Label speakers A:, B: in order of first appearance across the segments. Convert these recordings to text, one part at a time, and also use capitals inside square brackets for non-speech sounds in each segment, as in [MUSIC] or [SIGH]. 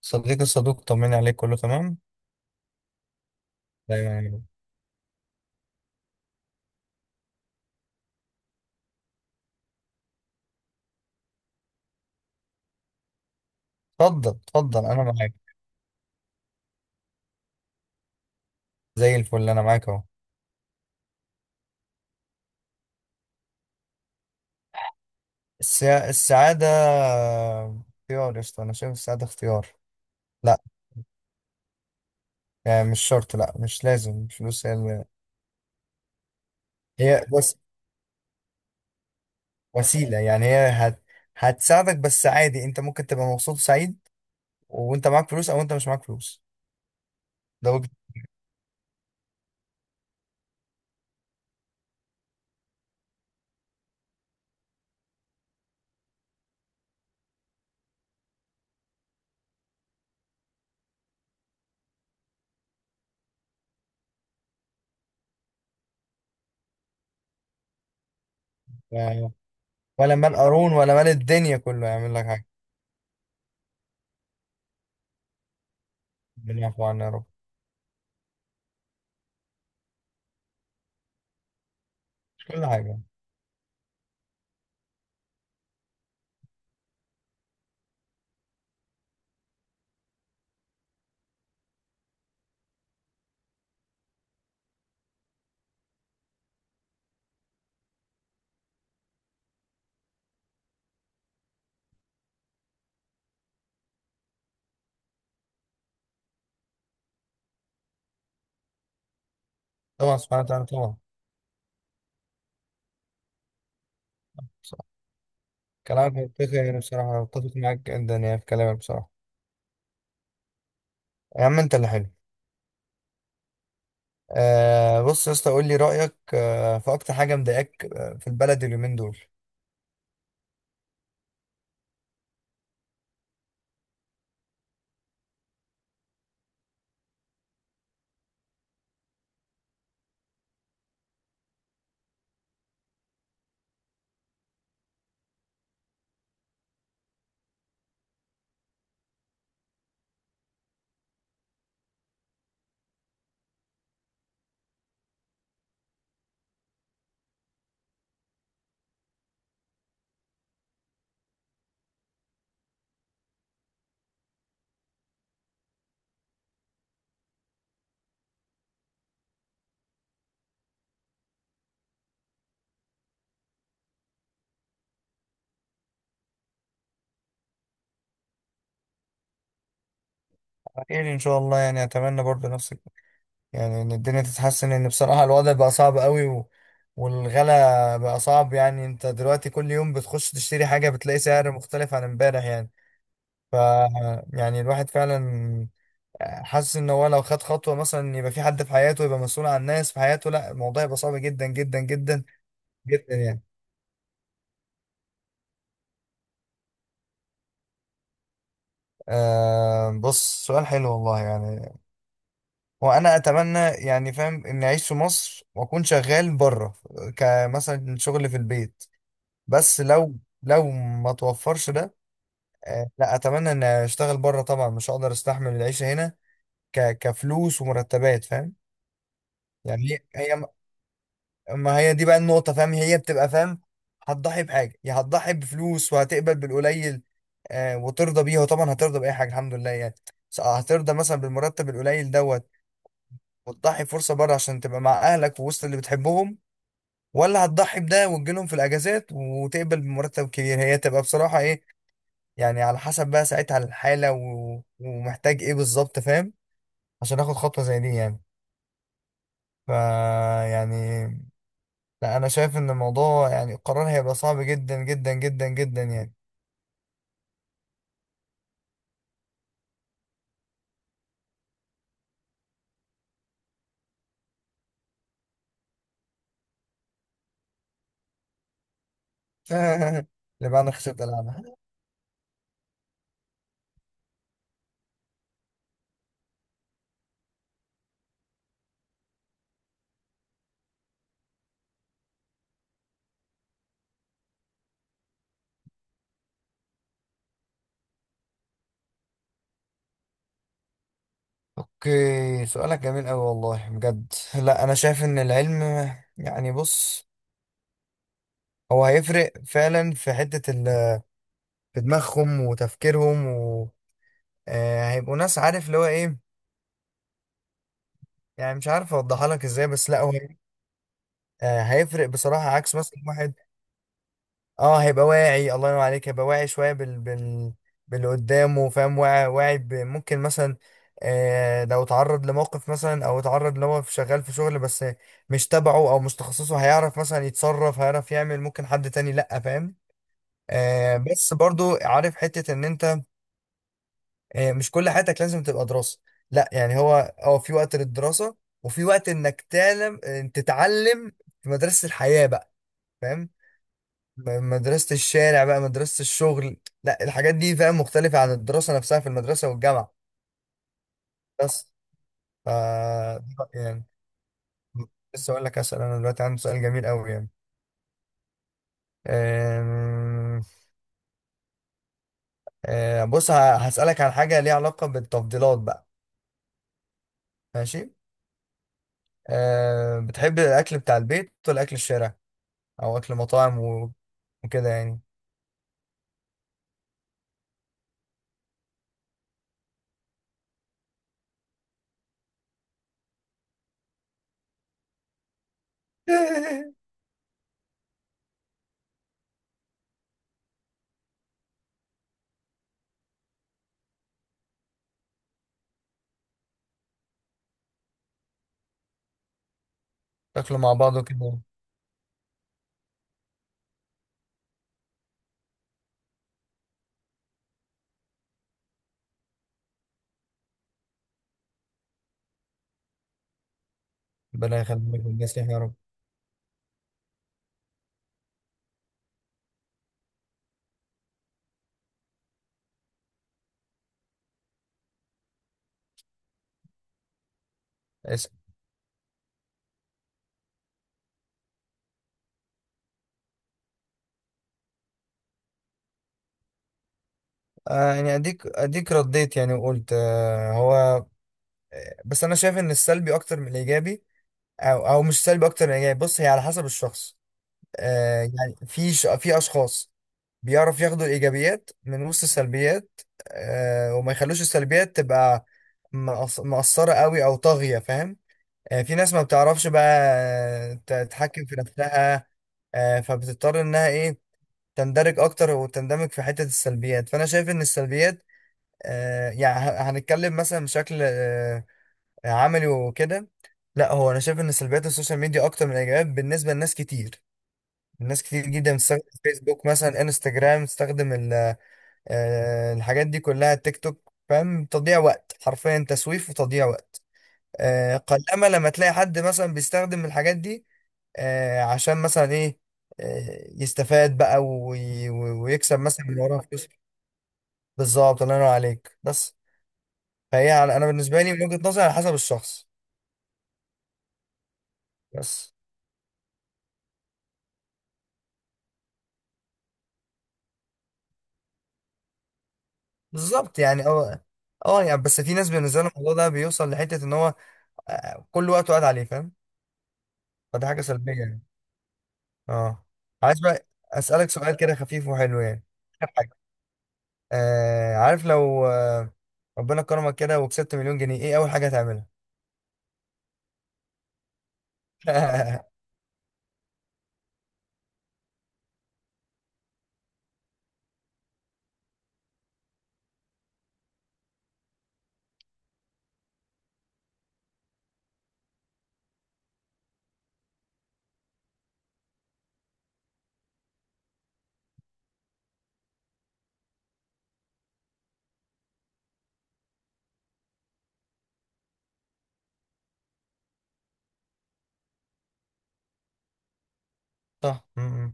A: صديقي الصدوق طمني عليك، كله تمام. دايما يعني. اتفضل انا معاك. زي الفل، انا معاك اهو. السعاده اختيار يا اسطى، انا شايف السعاده اختيار. لا يعني مش شرط، لا مش لازم الفلوس هي هي بس وسيله، يعني هتساعدك. بس عادي انت ممكن تبقى مبسوط سعيد وانت معاك فلوس او انت مش معاك فلوس. ده وجه يعني. ولا مال قارون ولا مال الدنيا كله يعمل لك حاجه. ربنا يعفو عنا يا رب. مش كل حاجه. طبعا، سبحانه وتعالى، طبعا. كلامك منطقي، يعني بصراحة أتفق معاك جدا، يعني في كلامك بصراحة. يا عم أنت اللي حلو. بص يا اسطى، قول لي رأيك في أكتر حاجة مضايقاك في البلد اليومين دول. خير إن شاء الله، يعني أتمنى برضه نفسك، يعني إن الدنيا تتحسن، لأن بصراحة الوضع بقى صعب قوي والغلا بقى صعب. يعني أنت دلوقتي كل يوم بتخش تشتري حاجة بتلاقي سعر مختلف عن امبارح يعني. ف يعني الواحد فعلا حاسس ان هو لو خد خطوه مثلا يبقى في حد في حياته، يبقى مسؤول عن الناس في حياته، لا الموضوع يبقى صعب جدا جدا جدا جدا يعني. بص، سؤال حلو والله يعني. وانا اتمنى يعني فاهم اني اعيش في مصر واكون شغال بره، كمثلا شغل في البيت. بس لو ما توفرش ده، آه لا، اتمنى ان اشتغل بره طبعا، مش هقدر استحمل العيشه هنا كفلوس ومرتبات، فاهم؟ يعني هي ما هي دي بقى النقطة، فاهم؟ هي بتبقى فاهم هتضحي بحاجة، يا هتضحي بفلوس وهتقبل بالقليل، آه وترضى بيها، وطبعا هترضى بأي حاجة الحمد لله يعني. بس هترضى مثلا بالمرتب القليل دوت وتضحي فرصة بره عشان تبقى مع أهلك ووسط اللي بتحبهم، ولا هتضحي بده وتجيلهم في الأجازات وتقبل بمرتب كبير؟ هي تبقى بصراحة إيه يعني، على حسب بقى ساعتها الحالة ومحتاج إيه بالظبط، فاهم؟ عشان آخد خطوة زي دي يعني. فا يعني لا، انا شايف ان الموضوع، يعني القرار هيبقى صعب جدا جدا جدا جدا يعني. [LAUGHS] اللي بقى انا خسرت العبها. اوكي، سؤالك جميل قوي والله بجد. لا انا شايف ان العلم، يعني بص، هو هيفرق فعلا في في دماغهم وتفكيرهم هيبقوا ناس عارف اللي هو ايه، يعني مش عارف اوضحها لك ازاي، بس لا هيفرق بصراحة، عكس مثلا واحد. اه هيبقى واعي، الله ينور عليك، هيبقى واعي شويه بال باللي قدامه فاهم، واعي واعي ممكن مثلا لو اتعرض لموقف مثلا، او اتعرض لو هو شغال في شغل بس مش تبعه او مش تخصصه، هيعرف مثلا يتصرف، هيعرف يعمل ممكن حد تاني لأ، فاهم؟ بس برضو عارف حته ان انت مش كل حياتك لازم تبقى دراسه، لأ يعني هو اه في وقت للدراسه وفي وقت انك تعلم، تتعلم في مدرسه الحياه بقى، فاهم؟ مدرسة الشارع بقى، مدرسة الشغل، لا الحاجات دي فاهم مختلفة عن الدراسة نفسها في المدرسة والجامعة. بس ف يعني لسه اقول لك اسال، انا دلوقتي عندي سؤال جميل قوي يعني. أم... أه، بص هسالك عن حاجة ليها علاقة بالتفضيلات بقى. ماشي، أه، بتحب الاكل بتاع البيت ولا اكل الشارع او اكل مطاعم وكده يعني؟ [LAUGHS] تاكلوا مع بعض وكده. ربنا يخليك للناس يا رب. آه يعني اديك رديت يعني وقلت آه هو، آه، بس انا شايف ان السلبي اكتر من الايجابي. او مش سلبي اكتر من الايجابي، بص هي على حسب الشخص. آه يعني في في اشخاص بيعرف ياخدوا الايجابيات من وسط السلبيات، آه وما يخلوش السلبيات تبقى مقصرة قوي او طاغية، فاهم؟ آه في ناس ما بتعرفش بقى تتحكم في نفسها، آه فبتضطر انها ايه تندرج اكتر وتندمج في حتة السلبيات. فانا شايف ان السلبيات، يعني هنتكلم مثلا بشكل عملي وكده، لا هو انا شايف ان سلبيات السوشيال ميديا اكتر من الايجابيات بالنسبه لناس كتير، ناس كتير جدا بتستخدم فيسبوك مثلا، انستجرام، تستخدم الحاجات دي كلها، تيك توك فاهم، تضييع وقت حرفيا، تسويف وتضييع وقت. قلما لما تلاقي حد مثلا بيستخدم الحاجات دي عشان مثلا ايه، يستفاد بقى ويكسب مثلا من وراها فلوس. بالظبط، الله ينور عليك. بس فهي انا بالنسبه لي من وجهه نظري على حسب الشخص. بس بالظبط يعني اه. اه يعني بس في ناس بالنسبه لهم الموضوع ده بيوصل لحته ان هو كل وقته قاعد عليه، فاهم؟ فدي حاجه سلبيه يعني. اه عايز بقى اسالك سؤال كده خفيف وحلو يعني، آخر حاجه. عارف لو آه ربنا كرمك كده وكسبت 1000000 جنيه، ايه اول حاجه هتعملها؟ [LAUGHS] صح م.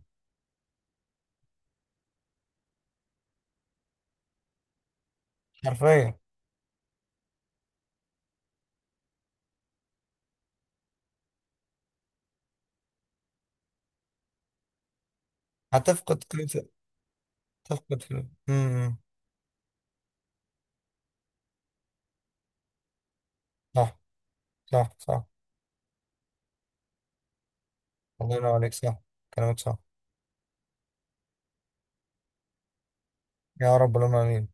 A: حرفيا. هتفقد كل، تفقد فلوس م. صح، صح، صح. الله ينور عليك، صح، كلامك صح. يا رب، اللهم امين.